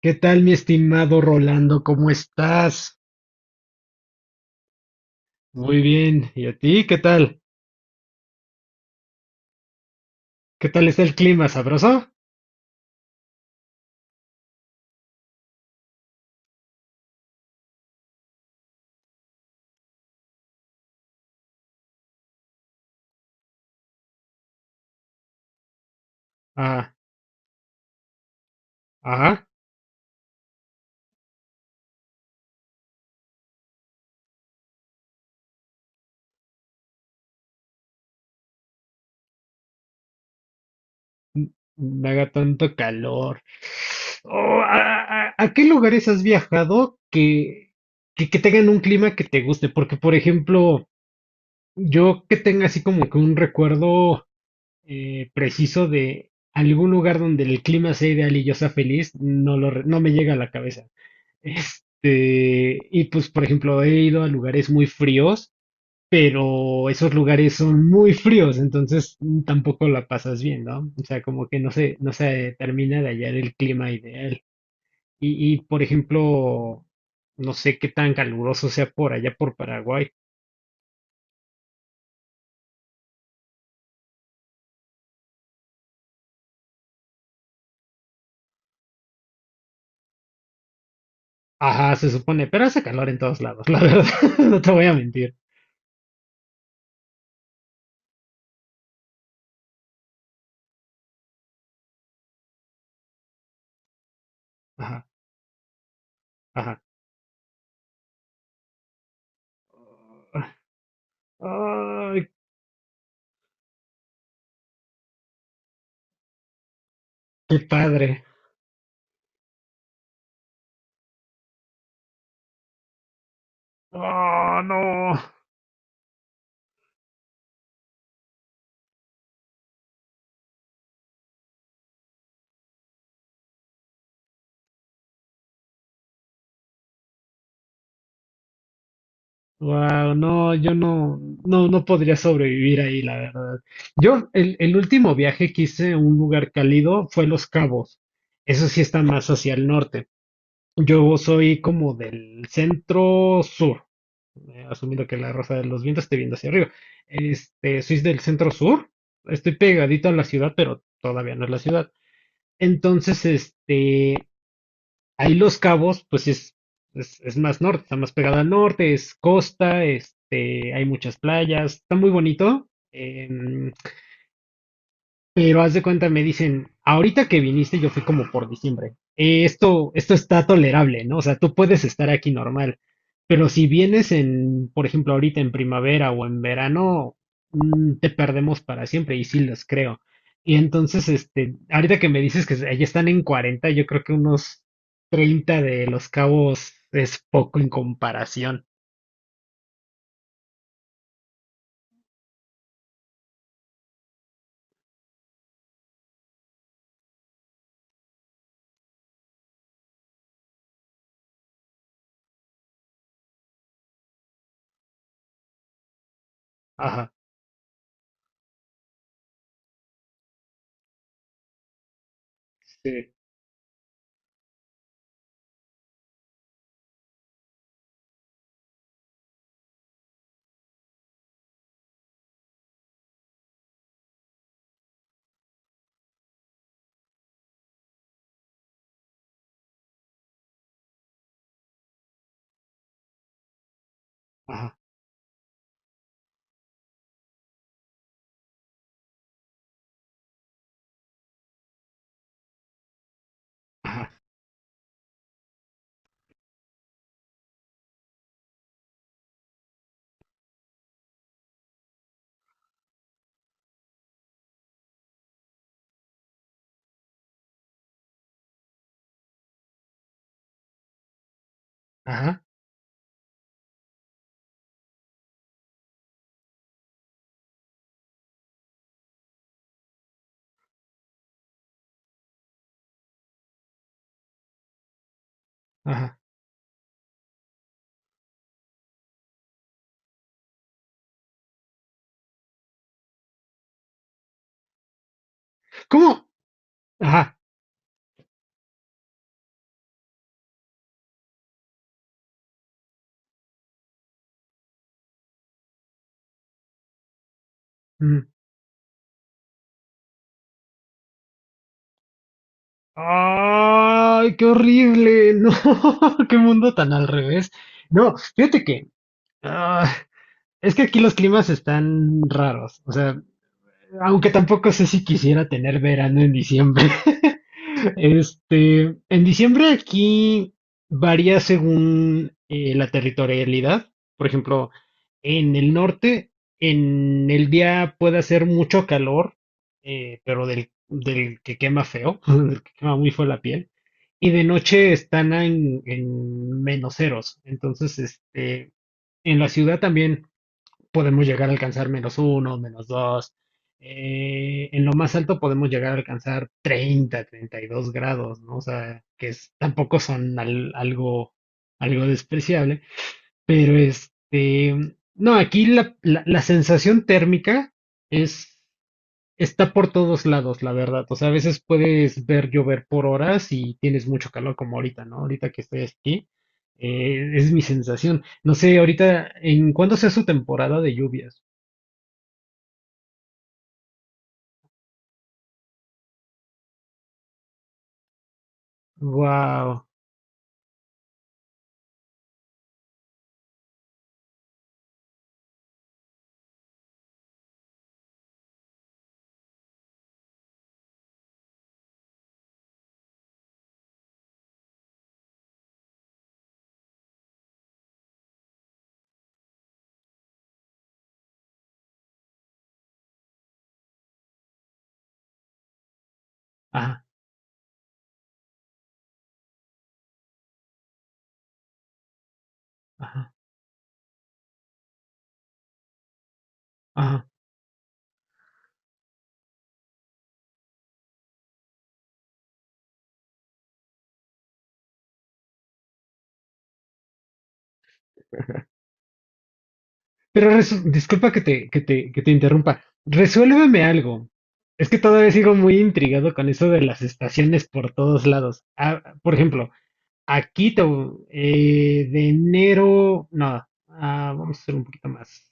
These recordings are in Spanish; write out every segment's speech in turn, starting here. ¿Qué tal, mi estimado Rolando? ¿Cómo estás? Muy bien. ¿Y a ti? ¿Qué tal? ¿Qué tal está el clima? ¿Sabroso? Ah, ajá. No haga tanto calor. Oh, ¿a qué lugares has que tengan un clima que te guste? Porque, por ejemplo, yo que tenga así como que un recuerdo preciso de algún lugar donde el clima sea ideal y yo sea feliz, no me llega a la cabeza. Este, y pues, por ejemplo, he ido a lugares muy fríos, pero esos lugares son muy fríos, entonces tampoco la pasas bien, ¿no? O sea, como que no se termina de hallar el clima ideal. Por ejemplo, no sé qué tan caluroso sea por allá por Paraguay. Ajá, se supone, pero hace calor en todos lados, la verdad, no te voy a mentir. Ajá, ajá. Ay, qué padre. Oh, no. Wow, no, no podría sobrevivir ahí, la verdad. Yo, el último viaje que hice a un lugar cálido fue Los Cabos. Eso sí está más hacia el norte. Yo soy como del centro sur, asumiendo que la rosa de los vientos esté viendo hacia arriba. Este, soy del centro sur, estoy pegadito a la ciudad, pero todavía no es la ciudad. Entonces, este, ahí Los Cabos, es más norte, está más pegado al norte, es costa, este, hay muchas playas, está muy bonito. Em, pero haz de cuenta, me dicen, ahorita que viniste, yo fui como por diciembre. Esto está tolerable, ¿no? O sea, tú puedes estar aquí normal, pero si vienes en, por ejemplo, ahorita en primavera o en verano, te perdemos para siempre, y sí los creo. Y entonces, este, ahorita que me dices que allá están en 40, yo creo que unos 30 de Los Cabos es poco en comparación. Ajá. Sí. Ajá, ajá, ajá, ajá. ¿Cómo? Ajá. Mm. Ay, qué horrible. No, qué mundo tan al revés. No, fíjate que ah, es que aquí los climas están raros. O sea, aunque tampoco sé si quisiera tener verano en diciembre. Este, en diciembre aquí varía según la territorialidad. Por ejemplo, en el norte, en el día puede hacer mucho calor, pero del que quema feo, del que quema muy feo la piel. Y de noche están en menos ceros. Entonces, este, en la ciudad también podemos llegar a alcanzar menos uno, menos dos. En lo más alto podemos llegar a alcanzar treinta treinta y dos grados, ¿no? O sea, que es- tampoco son al- algo, algo despreciable, pero este, no, aquí la sensación térmica es, está por todos lados, la verdad. O sea, a veces puedes ver llover por horas y tienes mucho calor como ahorita, ¿no? Ahorita que estoy aquí, es mi sensación. No sé, ahorita, ¿en cuándo sea su temporada de lluvias? Wow. Ajá, ajá, ajá. Pero resu- disculpa que te interrumpa. Resuélveme algo. Es que todavía sigo muy intrigado con eso de las estaciones por todos lados. Ah, por ejemplo, aquí te- de enero, no, ah, vamos a hacer un poquito más.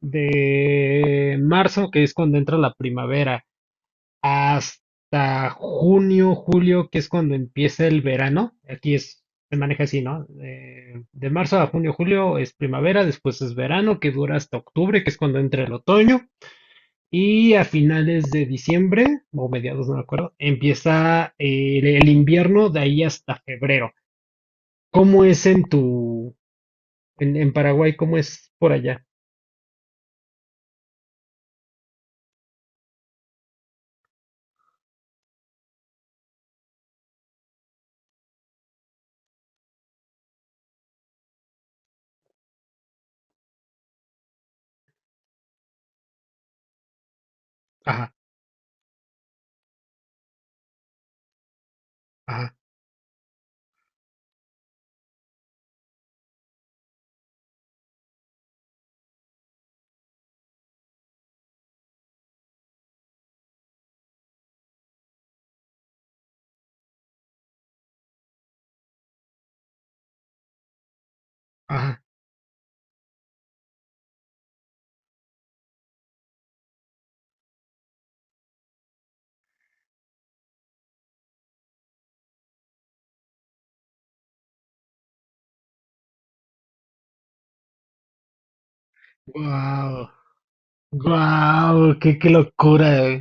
De marzo, que es cuando entra la primavera, hasta junio, julio, que es cuando empieza el verano. Aquí es, se maneja así, ¿no? De marzo a junio, julio es primavera, después es verano, que dura hasta octubre, que es cuando entra el otoño. Y a finales de diciembre, o mediados, no me acuerdo, empieza el invierno de ahí hasta febrero. ¿Cómo es en tu, en Paraguay, cómo es por allá? Ajá, ajá, ajá. Wow, wow, qué locura.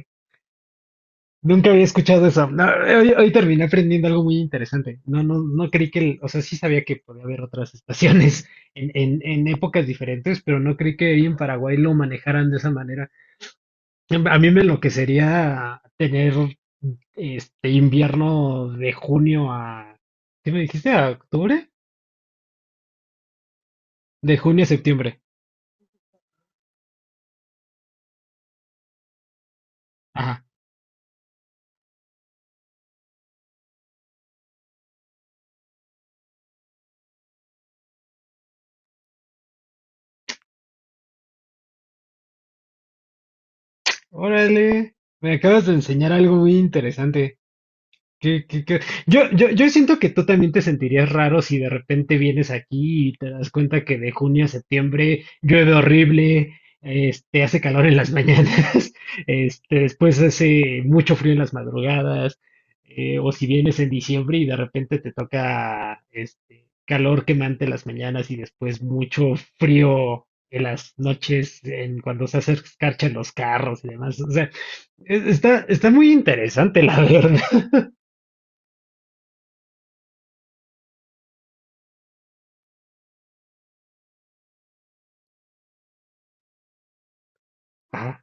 Nunca había escuchado eso. No, hoy, hoy terminé aprendiendo algo muy interesante. No creí que, el- o sea, sí sabía que podía haber otras estaciones en épocas diferentes, pero no creí que ahí en Paraguay lo manejaran de esa manera. A mí me enloquecería tener este invierno de ¿qué me dijiste? ¿A octubre? De junio a septiembre. Ajá. Órale, me acabas de enseñar algo muy interesante. Qué- qué- qué- Yo siento que tú también te sentirías raro si de repente vienes aquí y te das cuenta que de junio a septiembre llueve horrible, este, hace calor en las mañanas, este, después hace mucho frío en las madrugadas, o si vienes en diciembre y de repente te toca este, calor quemante en las mañanas y después mucho frío en las noches, en cuando se hace escarcha en los carros y demás. O sea, es- está, está muy interesante, la verdad. Ah,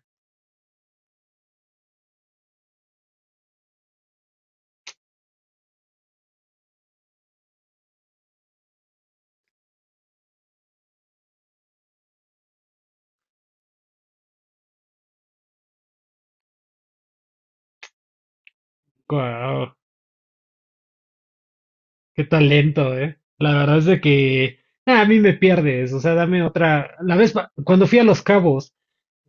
guau, qué talento, ¿eh? La verdad es de que ah, a mí me pierdes, o sea, dame otra. La vez pa- cuando fui a Los Cabos,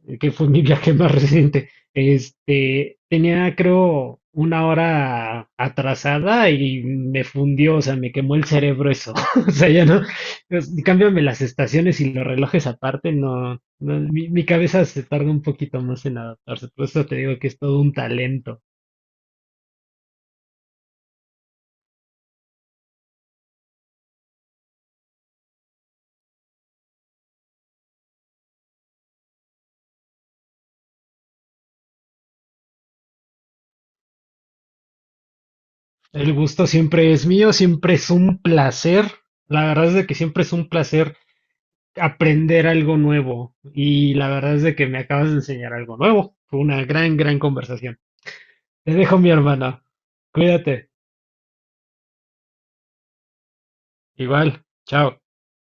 que fue mi viaje más reciente, este, tenía creo una hora atrasada y me fundió, o sea, me quemó el cerebro eso. O sea, ya no, pues, cámbiame las estaciones y los relojes aparte, no, no, mi cabeza se tarda un poquito más en adaptarse, por eso te digo que es todo un talento. El gusto siempre es mío, siempre es un placer. La verdad es de que siempre es un placer aprender algo nuevo. Y la verdad es de que me acabas de enseñar algo nuevo. Fue una gran conversación. Te dejo mi hermana. Cuídate. Igual. Chao.